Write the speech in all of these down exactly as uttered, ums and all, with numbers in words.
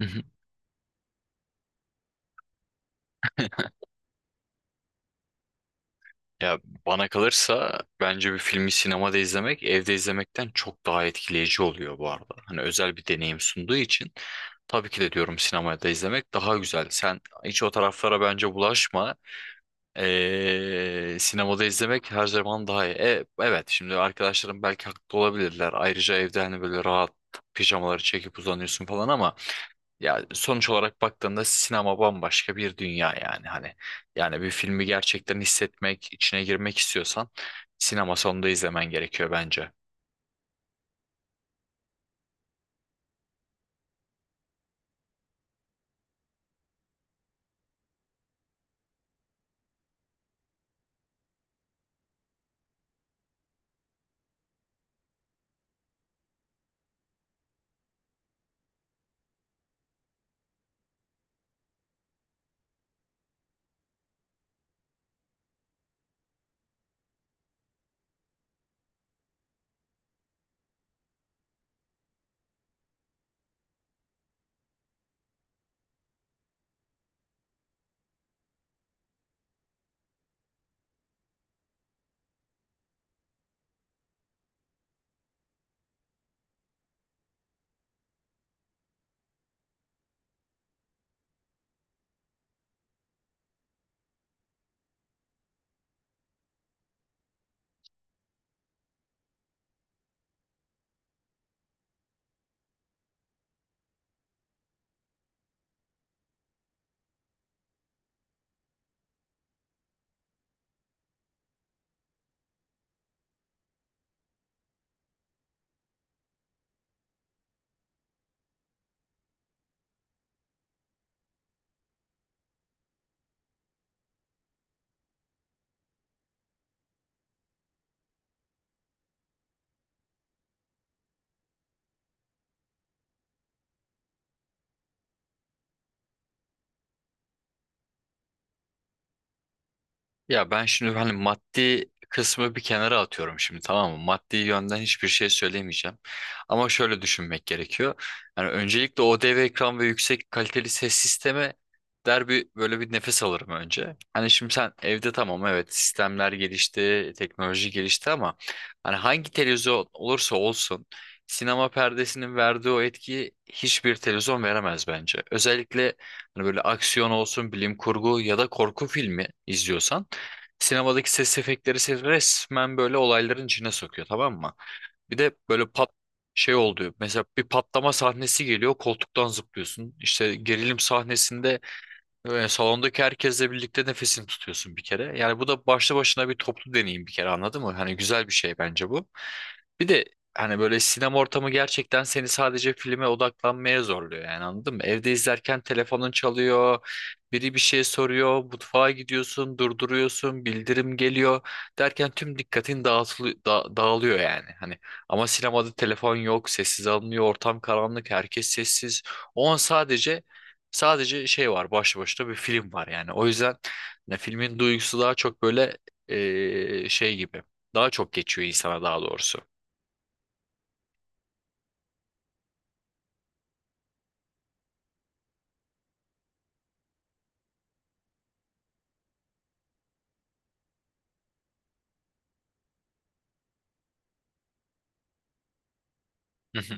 Hı hı. Ya Bana kalırsa bence bir filmi sinemada izlemek evde izlemekten çok daha etkileyici oluyor bu arada. Hani özel bir deneyim sunduğu için tabii ki de diyorum sinemada izlemek daha güzel. Sen hiç o taraflara bence bulaşma. Ee, sinemada izlemek her zaman daha iyi. E, evet, şimdi arkadaşlarım belki haklı olabilirler. Ayrıca evde hani böyle rahat pijamaları çekip uzanıyorsun falan ama ya sonuç olarak baktığında sinema bambaşka bir dünya. Yani hani yani bir filmi gerçekten hissetmek, içine girmek istiyorsan sinema sonunda izlemen gerekiyor bence. Ya ben şimdi hani maddi kısmı bir kenara atıyorum şimdi, tamam mı? Maddi yönden hiçbir şey söylemeyeceğim. Ama şöyle düşünmek gerekiyor. Yani öncelikle o dev ekran ve yüksek kaliteli ses sisteme der, bir böyle bir nefes alırım önce. Hani şimdi sen evde tamam, evet, sistemler gelişti, teknoloji gelişti ama hani hangi televizyon olursa olsun, sinema perdesinin verdiği o etkiyi hiçbir televizyon veremez bence. Özellikle hani böyle aksiyon olsun, bilim kurgu ya da korku filmi izliyorsan sinemadaki ses efektleri seni resmen böyle olayların içine sokuyor, tamam mı? Bir de böyle pat şey oluyor. Mesela bir patlama sahnesi geliyor, koltuktan zıplıyorsun. İşte gerilim sahnesinde ve salondaki herkesle birlikte nefesini tutuyorsun bir kere. Yani bu da başlı başına bir toplu deneyim bir kere, anladın mı? Hani güzel bir şey bence bu. Bir de hani böyle sinema ortamı gerçekten seni sadece filme odaklanmaya zorluyor yani, anladın mı? Evde izlerken telefonun çalıyor, biri bir şey soruyor, mutfağa gidiyorsun, durduruyorsun, bildirim geliyor, derken tüm dikkatin dağıtılı, da- dağılıyor yani. Hani ama sinemada telefon yok, sessiz alınıyor, ortam karanlık, herkes sessiz. O an sadece Sadece şey var, başlı başına bir film var yani. O yüzden ne, filmin duygusu daha çok böyle eee, şey gibi. Daha çok geçiyor insana, daha doğrusu. Hı hı.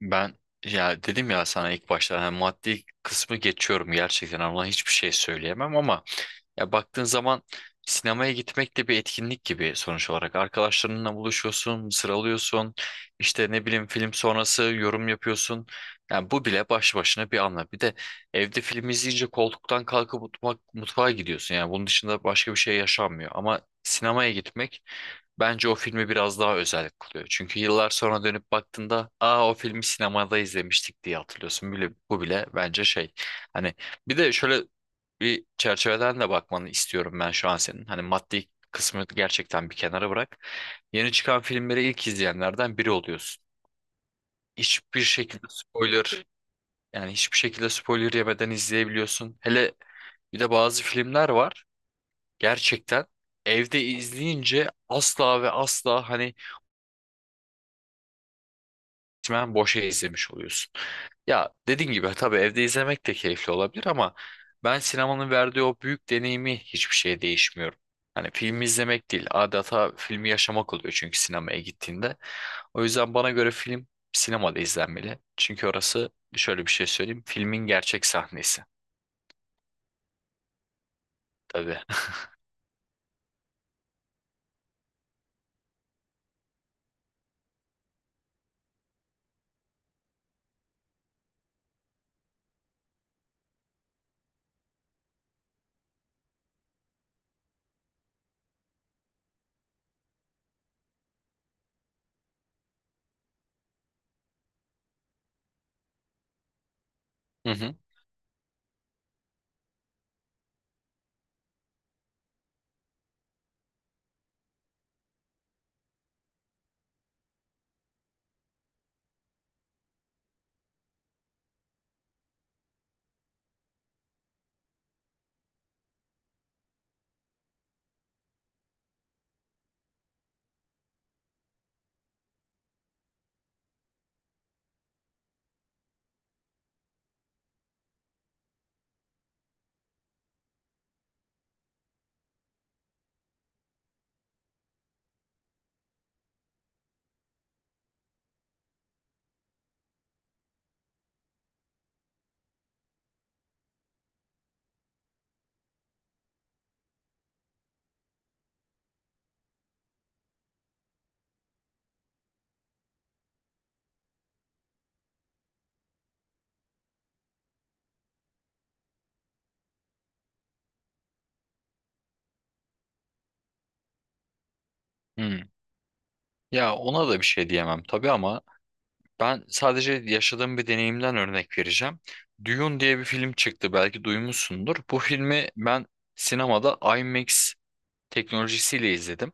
Ben ya dedim ya sana ilk başta hani maddi kısmı geçiyorum gerçekten, ama hiçbir şey söyleyemem ama ya baktığın zaman sinemaya gitmek de bir etkinlik gibi sonuç olarak. Arkadaşlarınla buluşuyorsun, sıralıyorsun, işte ne bileyim film sonrası yorum yapıyorsun. Yani bu bile baş başına bir anlam. Bir de evde film izleyince koltuktan kalkıp mutfak, mutfağa gidiyorsun. Yani bunun dışında başka bir şey yaşanmıyor. Ama sinemaya gitmek bence o filmi biraz daha özel kılıyor. Çünkü yıllar sonra dönüp baktığında, aa, o filmi sinemada izlemiştik diye hatırlıyorsun. Bile, bu bile bence şey. Hani bir de şöyle bir çerçeveden de bakmanı istiyorum ben şu an senin. Hani maddi kısmı gerçekten bir kenara bırak. Yeni çıkan filmleri ilk izleyenlerden biri oluyorsun. Hiçbir şekilde spoiler Yani hiçbir şekilde spoiler yemeden izleyebiliyorsun. Hele bir de bazı filmler var. Gerçekten evde izleyince asla ve asla hani resmen boşa izlemiş oluyorsun. Ya dediğin gibi tabii evde izlemek de keyifli olabilir ama ben sinemanın verdiği o büyük deneyimi hiçbir şeye değişmiyorum. Hani filmi izlemek değil, adeta filmi yaşamak oluyor çünkü sinemaya gittiğinde. O yüzden bana göre film sinemada izlenmeli. Çünkü orası şöyle, bir şey söyleyeyim, filmin gerçek sahnesi tabii. Hı hı. Hı. Ya ona da bir şey diyemem tabii ama ben sadece yaşadığım bir deneyimden örnek vereceğim. Dune diye bir film çıktı, belki duymuşsundur. Bu filmi ben sinemada IMAX teknolojisiyle izledim.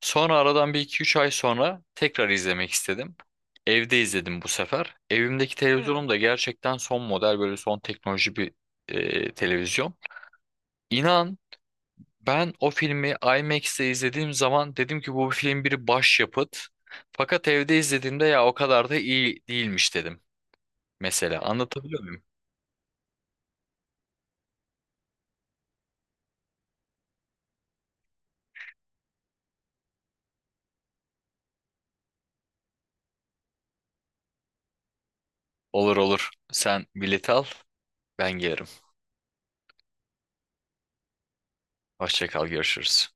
Sonra aradan bir iki üç ay sonra tekrar izlemek istedim. Evde izledim bu sefer. Evimdeki Hı. televizyonum da gerçekten son model, böyle son teknoloji bir e, televizyon. İnan, ben o filmi aymekste izlediğim zaman dedim ki bu film bir başyapıt. Fakat evde izlediğimde ya o kadar da iyi değilmiş dedim. Mesela anlatabiliyor muyum? Olur olur. Sen bileti al, ben gelirim. Hoşça kal, görüşürüz.